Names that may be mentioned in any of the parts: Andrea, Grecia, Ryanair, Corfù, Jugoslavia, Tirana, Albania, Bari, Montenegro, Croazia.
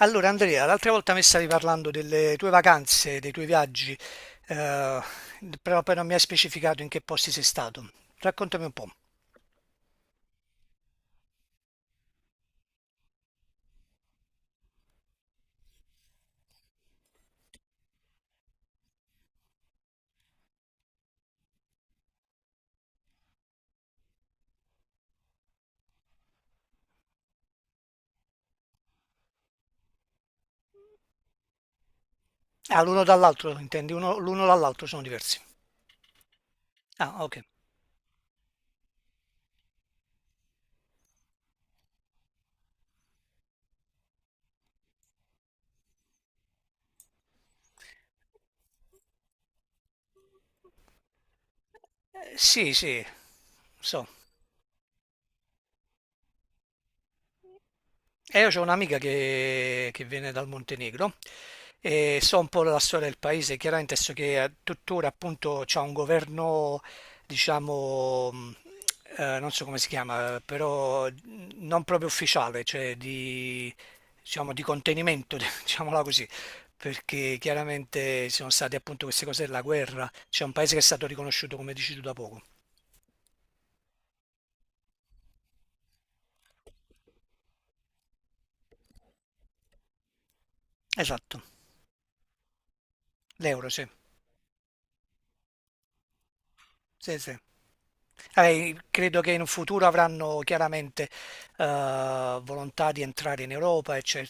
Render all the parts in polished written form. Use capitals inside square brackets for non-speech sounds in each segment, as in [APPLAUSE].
Allora Andrea, l'altra volta mi stavi parlando delle tue vacanze, dei tuoi viaggi, eh, però poi non mi hai specificato in che posti sei stato. Raccontami un po'. Ah, l'uno dall'altro, intendi? L'uno dall'altro sono diversi. Ah, ok. Sì, sì, so. E io ho un'amica che viene dal Montenegro e so un po' la storia del paese, chiaramente so che tuttora appunto c'è un governo, diciamo, non so come si chiama, però non proprio ufficiale, cioè diciamo, di contenimento, [LAUGHS] diciamola così, perché chiaramente ci sono state appunto queste cose della guerra, c'è un paese che è stato riconosciuto come dici tu da poco. Esatto, l'euro, sì, sì, sì. Credo che in futuro avranno chiaramente volontà di entrare in Europa e c'è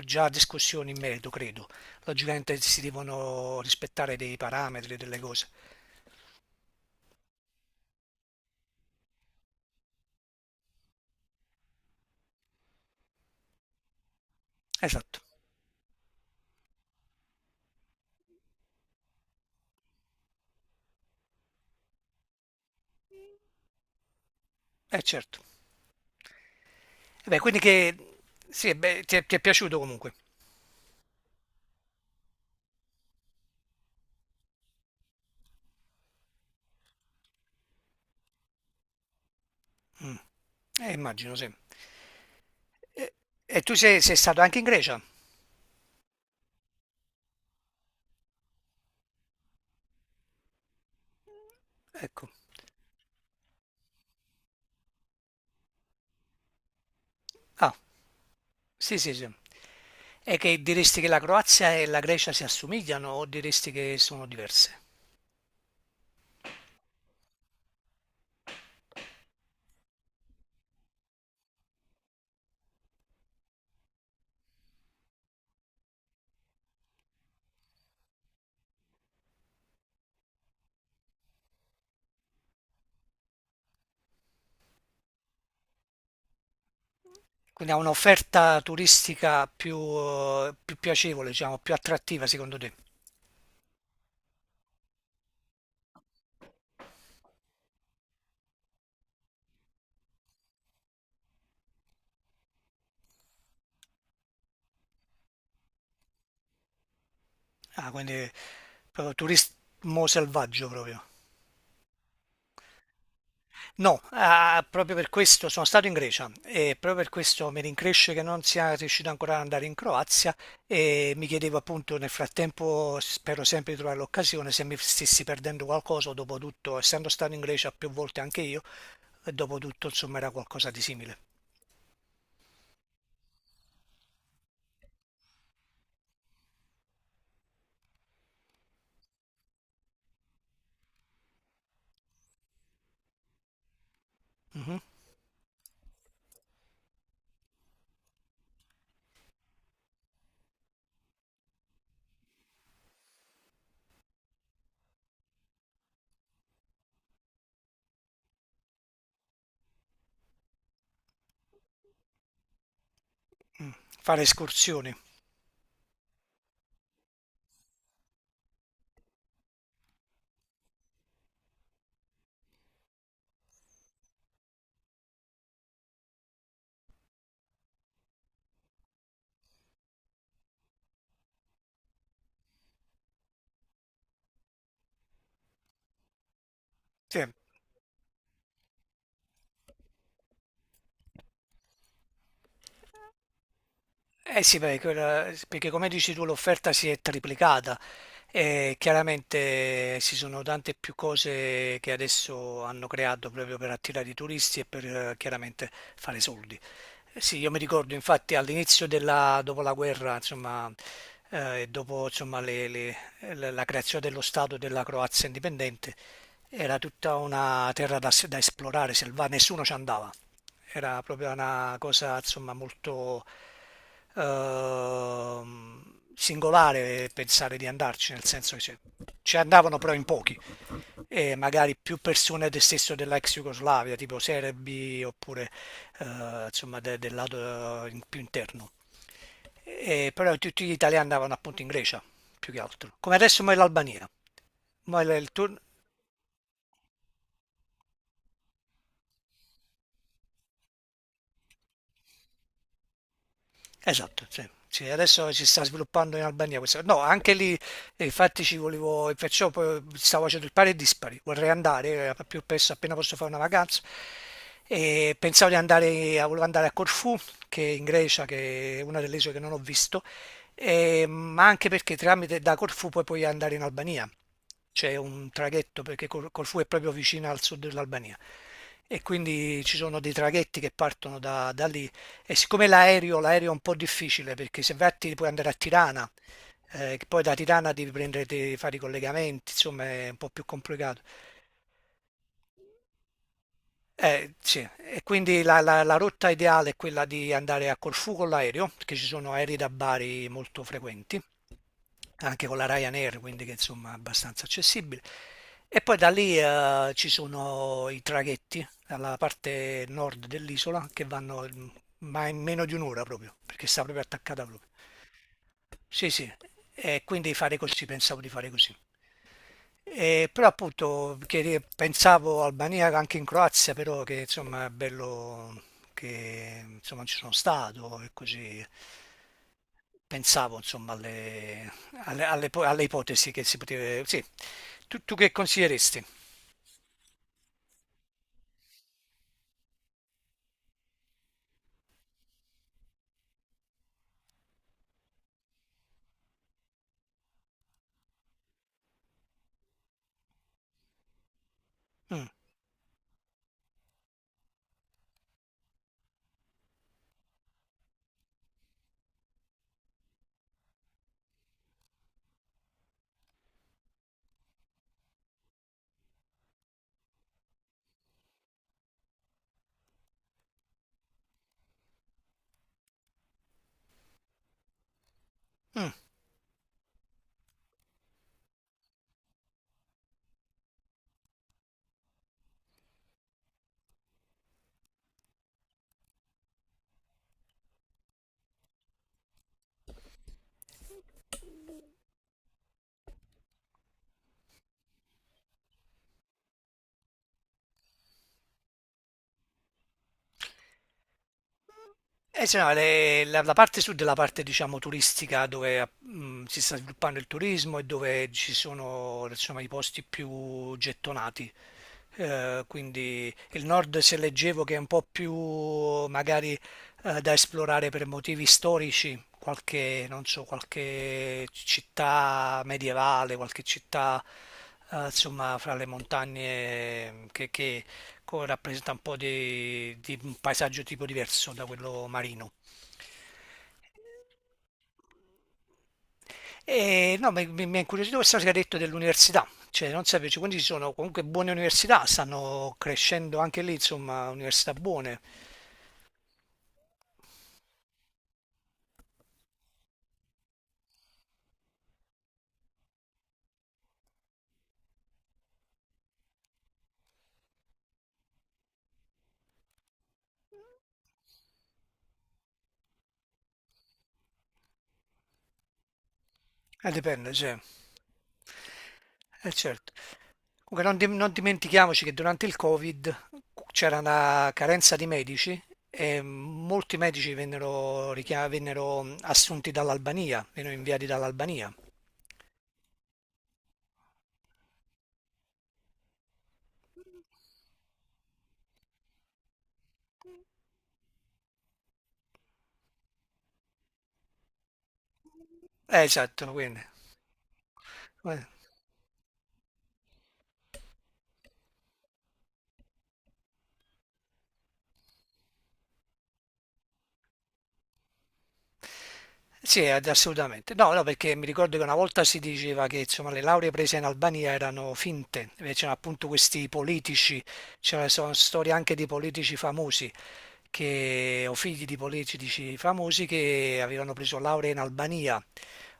già discussione in merito, credo. Logicamente si devono rispettare dei parametri, delle cose. Esatto, è certo. E beh, quindi che sì, beh, ti è piaciuto comunque. Mm, immagino, sì. E, e tu sei stato anche in Grecia? Ecco. Ah, sì, sì, sì. E che diresti che la Croazia e la Grecia si assomigliano o diresti che sono diverse? Quindi ha un'offerta turistica più, più piacevole, diciamo, più attrattiva secondo te? Ah, quindi proprio turismo selvaggio proprio. No, ah, proprio per questo sono stato in Grecia e proprio per questo mi rincresce che non sia riuscito ancora ad andare in Croazia e mi chiedevo appunto nel frattempo, spero sempre di trovare l'occasione, se mi stessi perdendo qualcosa o dopo tutto, essendo stato in Grecia più volte anche io, e dopo tutto insomma era qualcosa di simile. Mhm. Fare escursioni. Sì, eh sì, perché, perché come dici tu l'offerta si è triplicata e chiaramente ci sono tante più cose che adesso hanno creato proprio per attirare i turisti e per chiaramente fare soldi. Eh sì, io mi ricordo infatti dopo la guerra, insomma, e dopo insomma, la creazione dello Stato della Croazia indipendente, era tutta una terra da esplorare, selva, nessuno ci andava. Era proprio una cosa, insomma, molto ehm, singolare pensare di andarci, nel senso che ci andavano però in pochi e magari più persone del stesso della ex Jugoslavia, tipo serbi oppure insomma del lato più interno. Però tutti gli italiani andavano appunto in Grecia, più che altro. Come adesso mo è l'Albania. Mo è l- il, tur- Esatto, sì. Sì, adesso si sta sviluppando in Albania questa. No, anche lì, infatti, ci volevo, e perciò poi stavo facendo il pari e dispari. Vorrei andare più presto, appena posso fare una vacanza. E pensavo di andare, volevo andare a Corfù, che è in Grecia, che è una delle isole che non ho visto, ma anche perché tramite da Corfù poi puoi andare in Albania. C'è un traghetto, perché Corfù è proprio vicina al sud dell'Albania. E quindi ci sono dei traghetti che partono da lì e siccome l'aereo è un po' difficile perché se vai a puoi andare a Tirana, che poi da Tirana devi prendere, devi fare i collegamenti, insomma è un po' più complicato. Sì. E quindi la rotta ideale è quella di andare a Corfù con l'aereo, perché ci sono aerei da Bari molto frequenti, anche con la Ryanair, quindi che insomma è abbastanza accessibile. E poi da lì ci sono i traghetti dalla parte nord dell'isola che vanno ma in meno di un'ora proprio, perché sta proprio attaccata proprio. Sì, sì, e quindi fare così, pensavo di fare così. E però appunto che pensavo Albania anche in Croazia, però che insomma è bello che insomma non ci sono stato e così pensavo insomma alle ipotesi che si poteva... Sì, tu che consiglieresti? Mm, mm. Sì, no, la parte sud è la parte, diciamo, turistica dove si sta sviluppando il turismo e dove ci sono, insomma, i posti più gettonati. Quindi il nord, se leggevo, che è un po' più magari da esplorare per motivi storici, qualche, non so, qualche città medievale, qualche città, insomma, fra le montagne che rappresenta un po' di un paesaggio tipo diverso da quello marino. E no, mi ha incuriosito questo che ha detto dell'università, cioè non sapevo, cioè, quindi ci sono comunque buone università, stanno crescendo anche lì, insomma, università buone. Dipende, sì, certo. Comunque non dimentichiamoci che durante il Covid c'era una carenza di medici e molti medici vennero assunti dall'Albania, vennero inviati dall'Albania. Esatto, quindi, eh. Sì, assolutamente. No, no, perché mi ricordo che una volta si diceva che insomma, le lauree prese in Albania erano finte, c'erano appunto questi politici, c'erano sono storie anche di politici famosi, che, o figli di politici famosi che avevano preso lauree in Albania,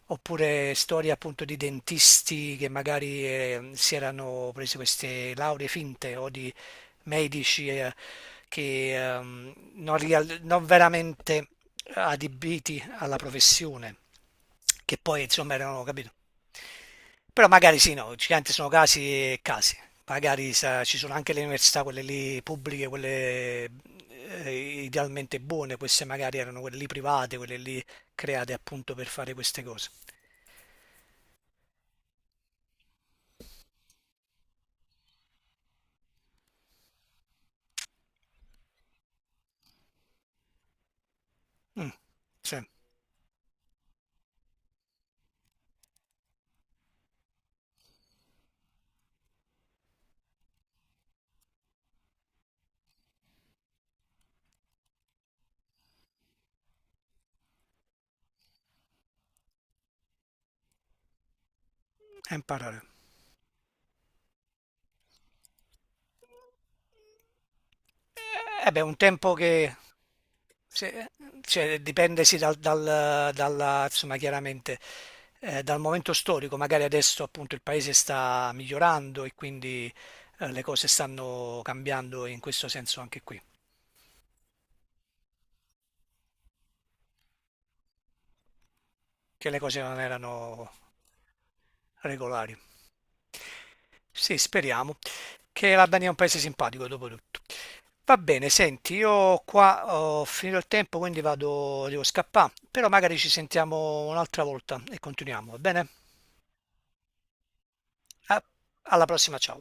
oppure storie appunto di dentisti che magari si erano presi queste lauree finte o di medici che non veramente adibiti alla professione, che poi insomma erano, capito? Però magari sì, no, giganti sono casi e casi. Ci sono anche le università, quelle lì pubbliche, quelle idealmente buone, queste magari erano quelle lì private, quelle lì create appunto per fare queste cose. Mm, sì, è imparare. Eh beh, un tempo che Se- cioè, dipende sì, dalla, insomma, chiaramente dal momento storico, magari adesso appunto il paese sta migliorando e quindi le cose stanno cambiando in questo senso anche qui, che le cose non erano regolari. Sì, speriamo che l'Albania è un paese simpatico dopo tutto. Va bene, senti, io qua ho finito il tempo, quindi vado, devo scappare, però magari ci sentiamo un'altra volta e continuiamo, va bene? A- Alla prossima, ciao.